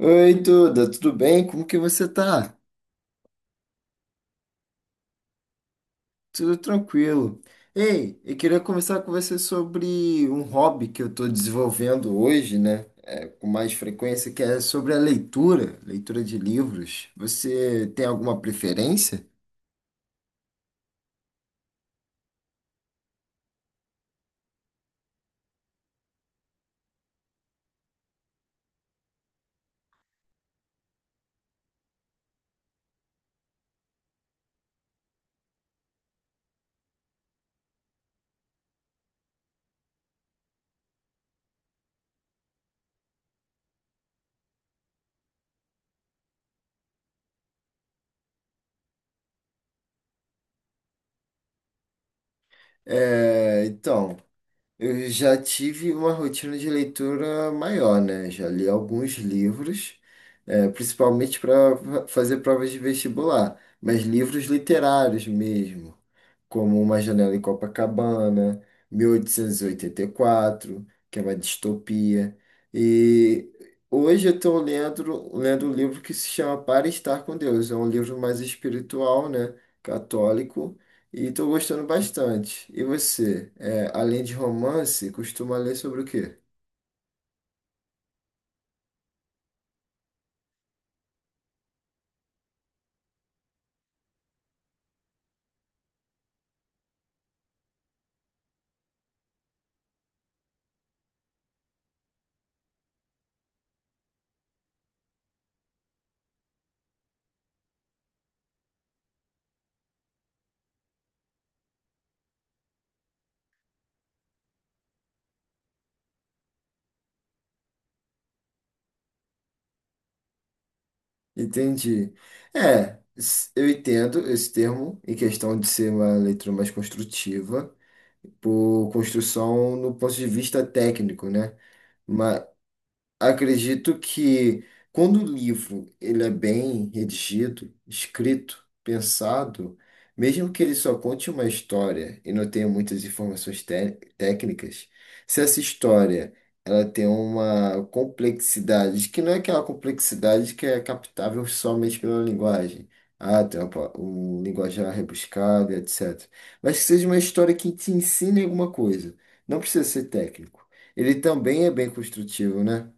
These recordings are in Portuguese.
Oi, Duda, tudo bem? Como que você tá? Tudo tranquilo. Ei, eu queria conversar com você sobre um hobby que eu tô desenvolvendo hoje, né? Com mais frequência, que é sobre a leitura, leitura de livros. Você tem alguma preferência? É, então. Eu já tive uma rotina de leitura maior, né? Já li alguns livros, principalmente para fazer provas de vestibular, mas livros literários mesmo, como Uma Janela em Copacabana, mil oitocentos e oitenta e quatro, que é uma distopia. E hoje eu estou lendo um livro que se chama Para Estar com Deus. É um livro mais espiritual, né? Católico, e tô gostando bastante. E você, é, além de romance, costuma ler sobre o quê? Entendi. É, eu entendo esse termo em questão de ser uma leitura mais construtiva, por construção no ponto de vista técnico, né? Ma- Acredito que quando o livro ele é bem redigido, escrito, pensado, mesmo que ele só conte uma história e não tenha muitas informações técnicas, se essa história ela tem uma complexidade, que não é aquela complexidade que é captável somente pela linguagem. Ah, tem um linguajar rebuscado, etc. Mas que seja uma história que te ensine alguma coisa. Não precisa ser técnico. Ele também é bem construtivo, né?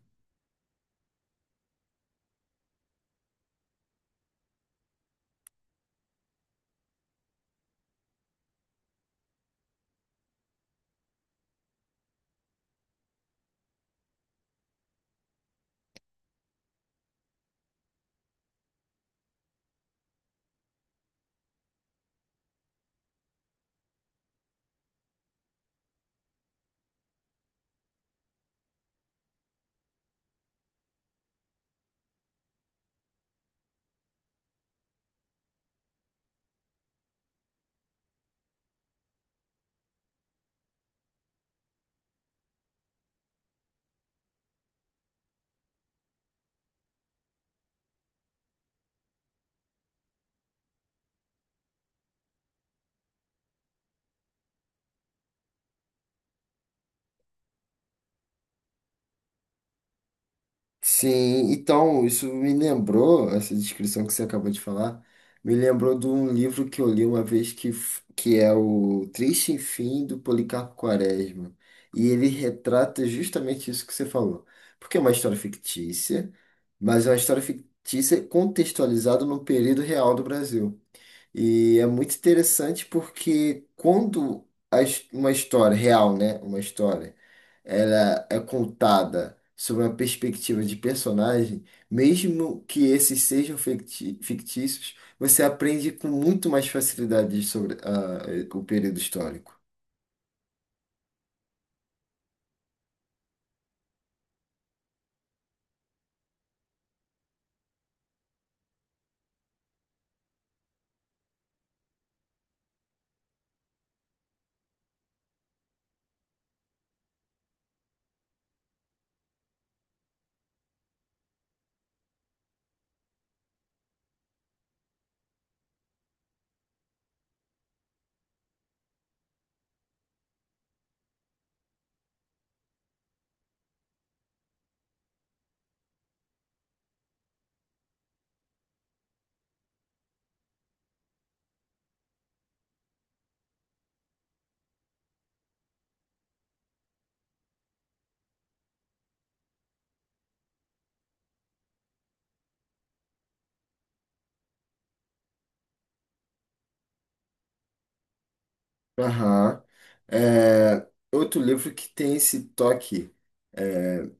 Sim, então, isso me lembrou, essa descrição que você acabou de falar, me lembrou de um livro que eu li uma vez que é o Triste Fim do Policarpo Quaresma. E ele retrata justamente isso que você falou. Porque é uma história fictícia, mas é uma história fictícia contextualizada no período real do Brasil. E é muito interessante porque quando uma história real, né, uma história, ela é contada sob uma perspectiva de personagem, mesmo que esses sejam fictícios, você aprende com muito mais facilidade sobre o período histórico. Aham. É, outro livro que tem esse toque,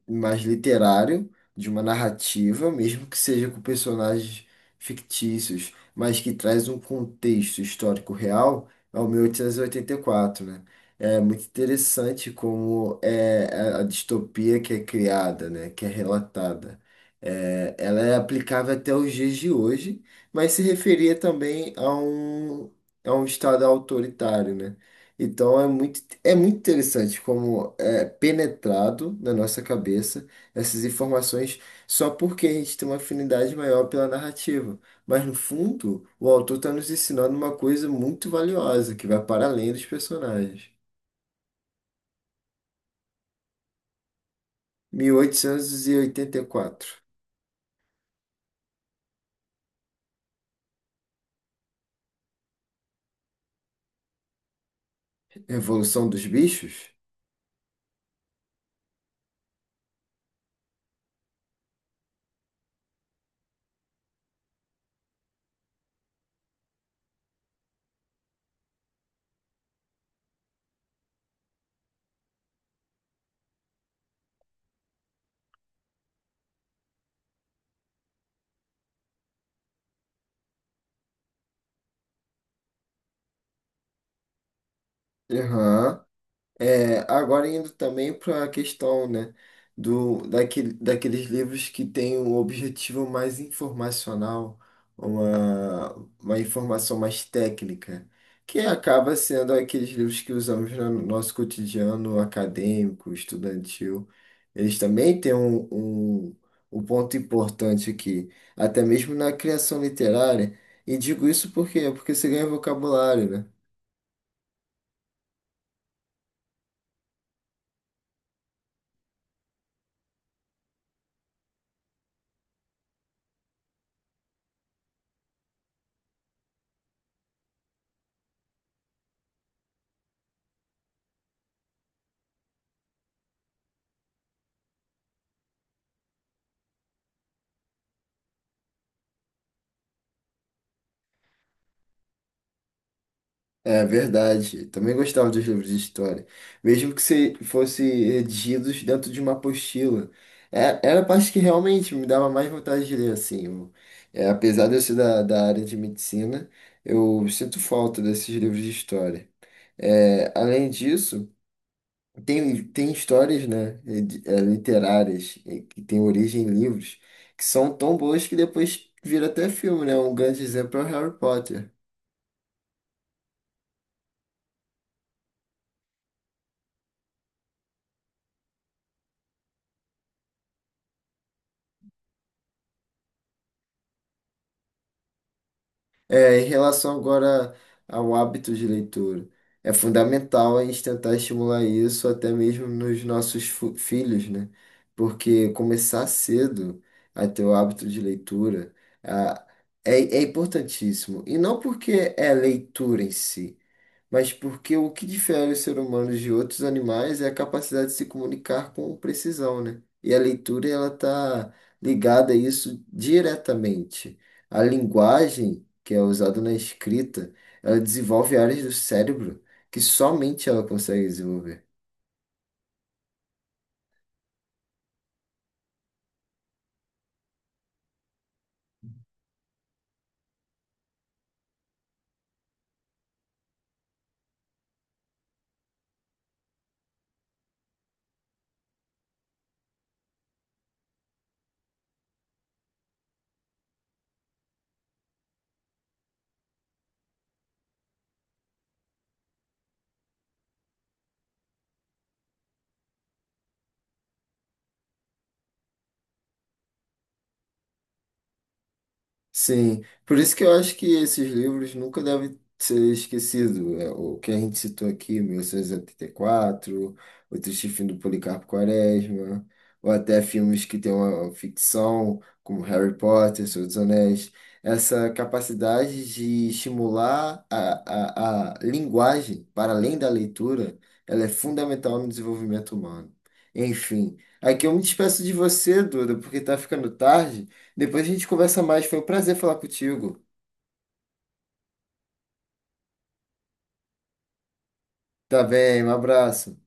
mais literário, de uma narrativa, mesmo que seja com personagens fictícios, mas que traz um contexto histórico real, ao 1884, né? É muito interessante como é a distopia que é criada, né? Que é relatada. É, ela é aplicável até os dias de hoje, mas se referia também a um estado autoritário, né? Então é muito interessante como é penetrado na nossa cabeça essas informações, só porque a gente tem uma afinidade maior pela narrativa. Mas no fundo, o autor está nos ensinando uma coisa muito valiosa que vai para além dos personagens. Mil oitocentos e oitenta e quatro. Revolução dos Bichos? Aham. É, agora indo também para a questão, né, daqueles livros que têm um objetivo mais informacional, uma, uma informação mais técnica, que acaba sendo aqueles livros que usamos no nosso cotidiano acadêmico, estudantil. Eles também têm um ponto importante aqui, até mesmo na criação literária. E digo isso por quê? Porque você ganha vocabulário, né? É verdade. Também gostava dos livros de história, mesmo que se fosse redigidos dentro de uma apostila. Era a parte que realmente me dava mais vontade de ler, assim. É, apesar de eu ser da área de medicina, eu sinto falta desses livros de história. É, além disso, tem histórias, né, literárias, que têm origem em livros, que são tão boas que depois vira até filme, né? Um grande exemplo é o Harry Potter. É, em relação agora ao hábito de leitura, é fundamental a gente tentar estimular isso até mesmo nos nossos filhos, né? Porque começar cedo a ter o hábito de leitura, ah, é, é importantíssimo. E não porque é leitura em si, mas porque o que difere o ser humano de outros animais é a capacidade de se comunicar com precisão, né? E a leitura, ela está ligada a isso diretamente. A linguagem, que é usada na escrita, ela desenvolve áreas do cérebro que somente ela consegue desenvolver. Sim, por isso que eu acho que esses livros nunca devem ser esquecidos. É, o que a gente citou aqui, 1884, O Triste Fim do Policarpo Quaresma, ou até filmes que têm uma ficção, como Harry Potter, Senhor dos Anéis. Essa capacidade de estimular a linguagem para além da leitura, ela é fundamental no desenvolvimento humano. Enfim, aqui eu me despeço de você, Duda, porque está ficando tarde. Depois a gente conversa mais. Foi um prazer falar contigo. Tá bem, um abraço.